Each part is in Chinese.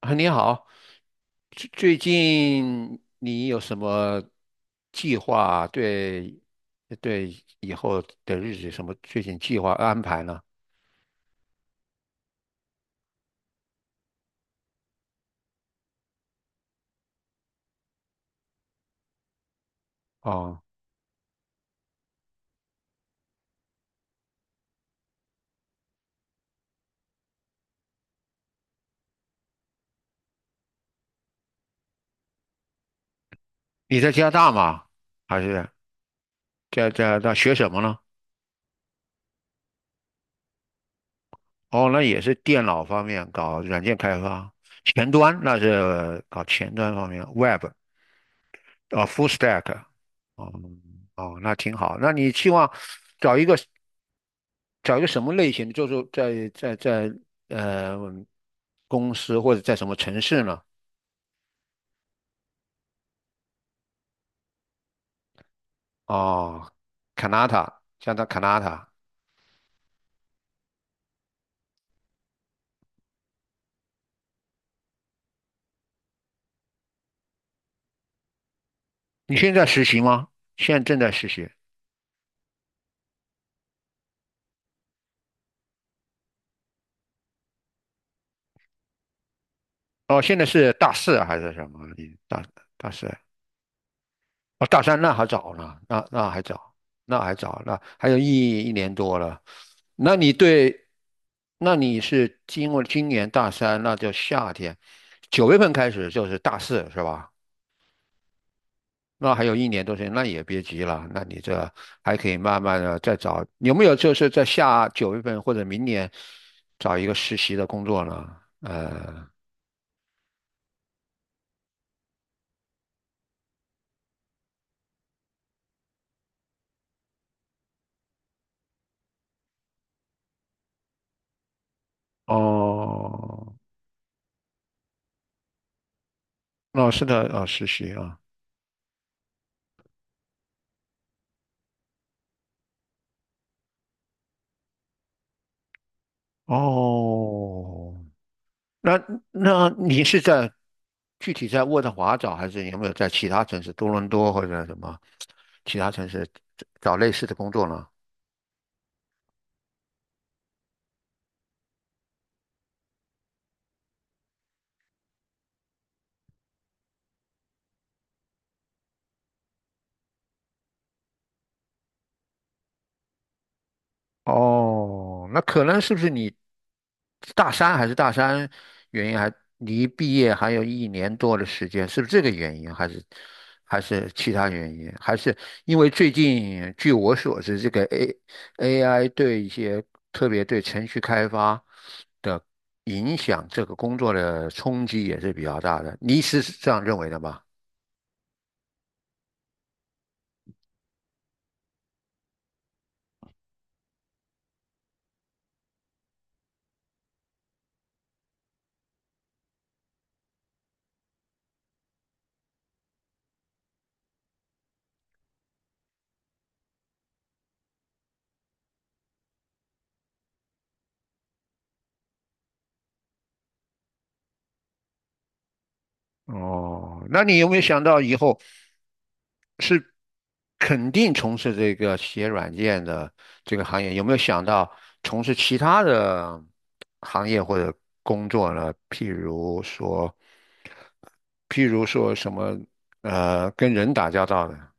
啊，你好，最近你有什么计划？对，对以后的日子什么最近计划安排呢？哦，你在加拿大吗？还是在大学什么呢？哦，那也是电脑方面搞软件开发，前端那是搞前端方面，Web 啊，Full Stack。哦哦，那挺好。那你希望找一个？找一个什么类型的，就是在呃公司或者在什么城市呢？哦 c a n a t a 加拿大 c a n a t a 你现在实习吗？现在正在实习。哦，现在是大四啊还是什么？大四？哦，大三那还早呢，那还早，那还早，那还有一年多了。那你对，那你是经过今年大三，那就夏天，九月份开始就是大四是吧？那还有一年多时间，那也别急了，那你这还可以慢慢的再找，有没有就是在下九月份或者明年找一个实习的工作呢？哦，哦，是的，实习啊，哦，那那你是在具体在渥太华找，还是有没有在其他城市，多伦多或者什么其他城市找类似的工作呢？哦，那可能是不是你大三原因还离毕业还有一年多的时间，是不是这个原因，还是其他原因，还是因为最近据我所知，这个 AI 对一些特别对程序开发的影响，这个工作的冲击也是比较大的，你是这样认为的吗？哦，那你有没有想到以后？是肯定从事这个写软件的这个行业，有没有想到从事其他的行业或者工作呢？譬如说，譬如说什么跟人打交道的。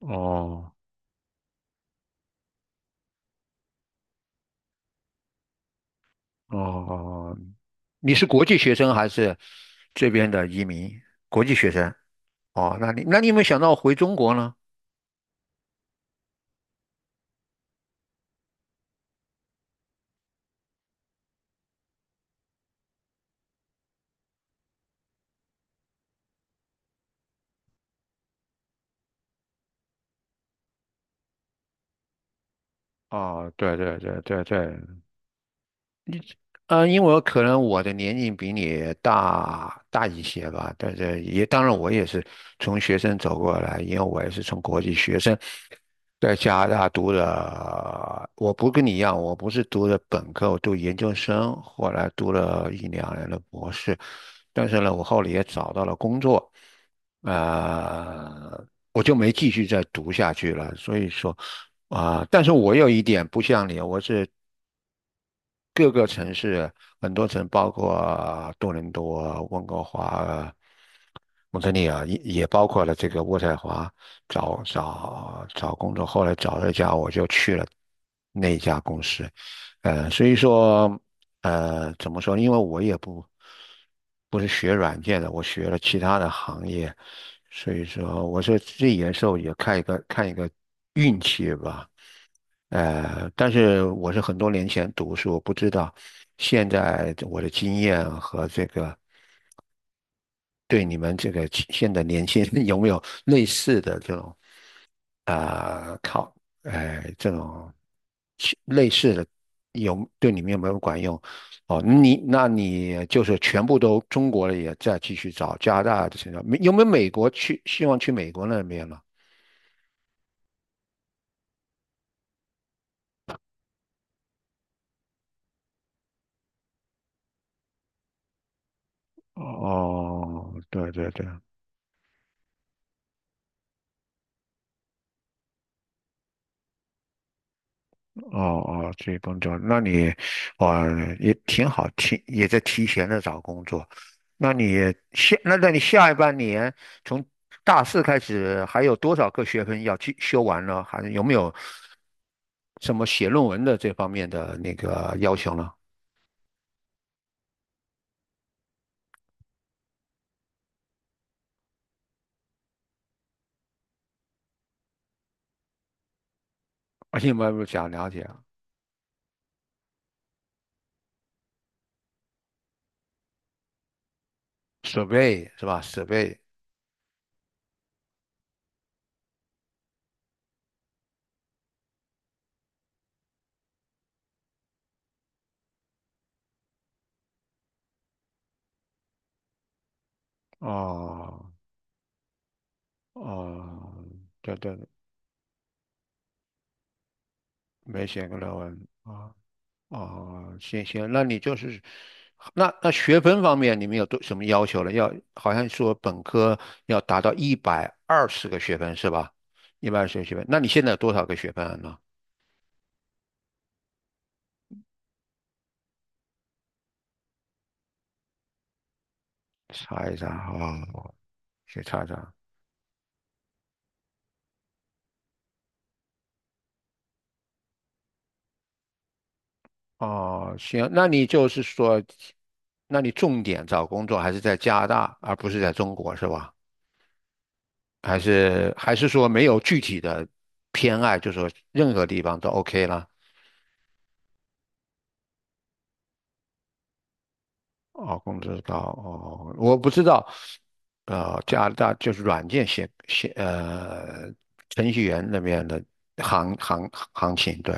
哦哦，你是国际学生还是这边的移民？国际学生。哦，那你有没有想到回中国呢？哦，对对对对对，因为我可能我的年龄比你大一些吧，但是也当然我也是从学生走过来，因为我也是从国际学生在加拿大读的，我不跟你一样，我不是读的本科，我读研究生，后来读了一两年的博士，但是呢，我后来也找到了工作，呃，我就没继续再读下去了，所以说。但是我有一点不像你，我是各个城市，很多城包括多伦多、温哥华、蒙特利尔，也包括了这个渥太华。找工作，后来找了一家，我就去了那一家公司。所以说，怎么说呢因为我也不是学软件的，我学了其他的行业，所以说，我说这有时候也看一个运气吧。但是我是很多年前读，书，我不知道现在我的经验和这个对你们这个现在年轻人 有没有类似的这种啊、考，这种类的有对你们有没有管用？哦，你就是全部都中国的也在继续找加拿大的现在，没有美国去希望去美国那边了？哦，对对对，哦哦，这己工作，那你哦也挺好，也在提前的找工作。那你下一半年从大四开始，还有多少个学分要去修完呢？还有没有什么写论文的这方面的那个要求呢？而且有没有想了解啊？设备是吧？设备哦哦，对对，没写过论文啊。哦，行行，那你就是，那学分方面你们有多什么要求了？要好像说本科要达到一百二十个学分是吧？一百二十个学分，那你现在有多少个学分了呢？查一查啊，哦去查一查。哦，行，那你就是说，那你重点找工作还是在加拿大，而不是在中国是吧？还是说没有具体的偏爱，就是说任何地方都 OK 了？哦，工资高哦，我不知道，加拿大就是软件写程序员那边的行情，对，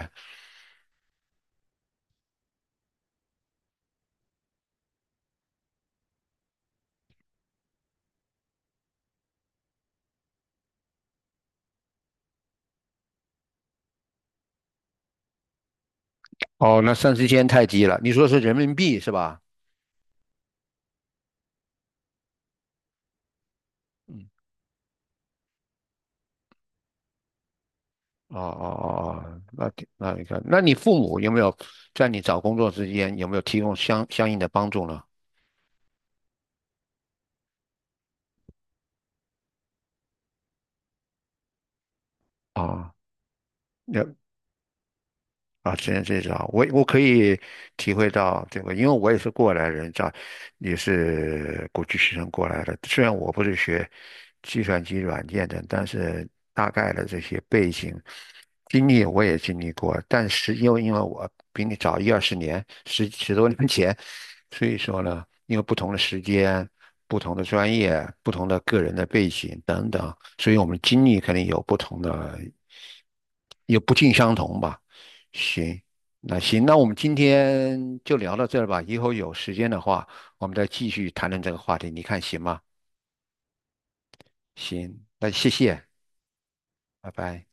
哦，那三四千太低了，你说是人民币是吧？嗯，哦哦哦哦，那挺那你看，那你父母有没有在你找工作之间有没有提供相应的帮助呢？哦啊，只能这种，我可以体会到这个，因为我也是过来人，这样也是国际学生过来的。虽然我不是学计算机软件的，但是大概的这些背景经历我也经历过。但是因为我比你早一二十年，十多年前，所以说呢，因为不同的时间、不同的专业、不同的个人的背景等等，所以我们经历肯定有不同的，也不尽相同吧。行，那行，那我们今天就聊到这儿吧。以后有时间的话，我们再继续谈论这个话题，你看行吗？行，那谢谢，拜拜。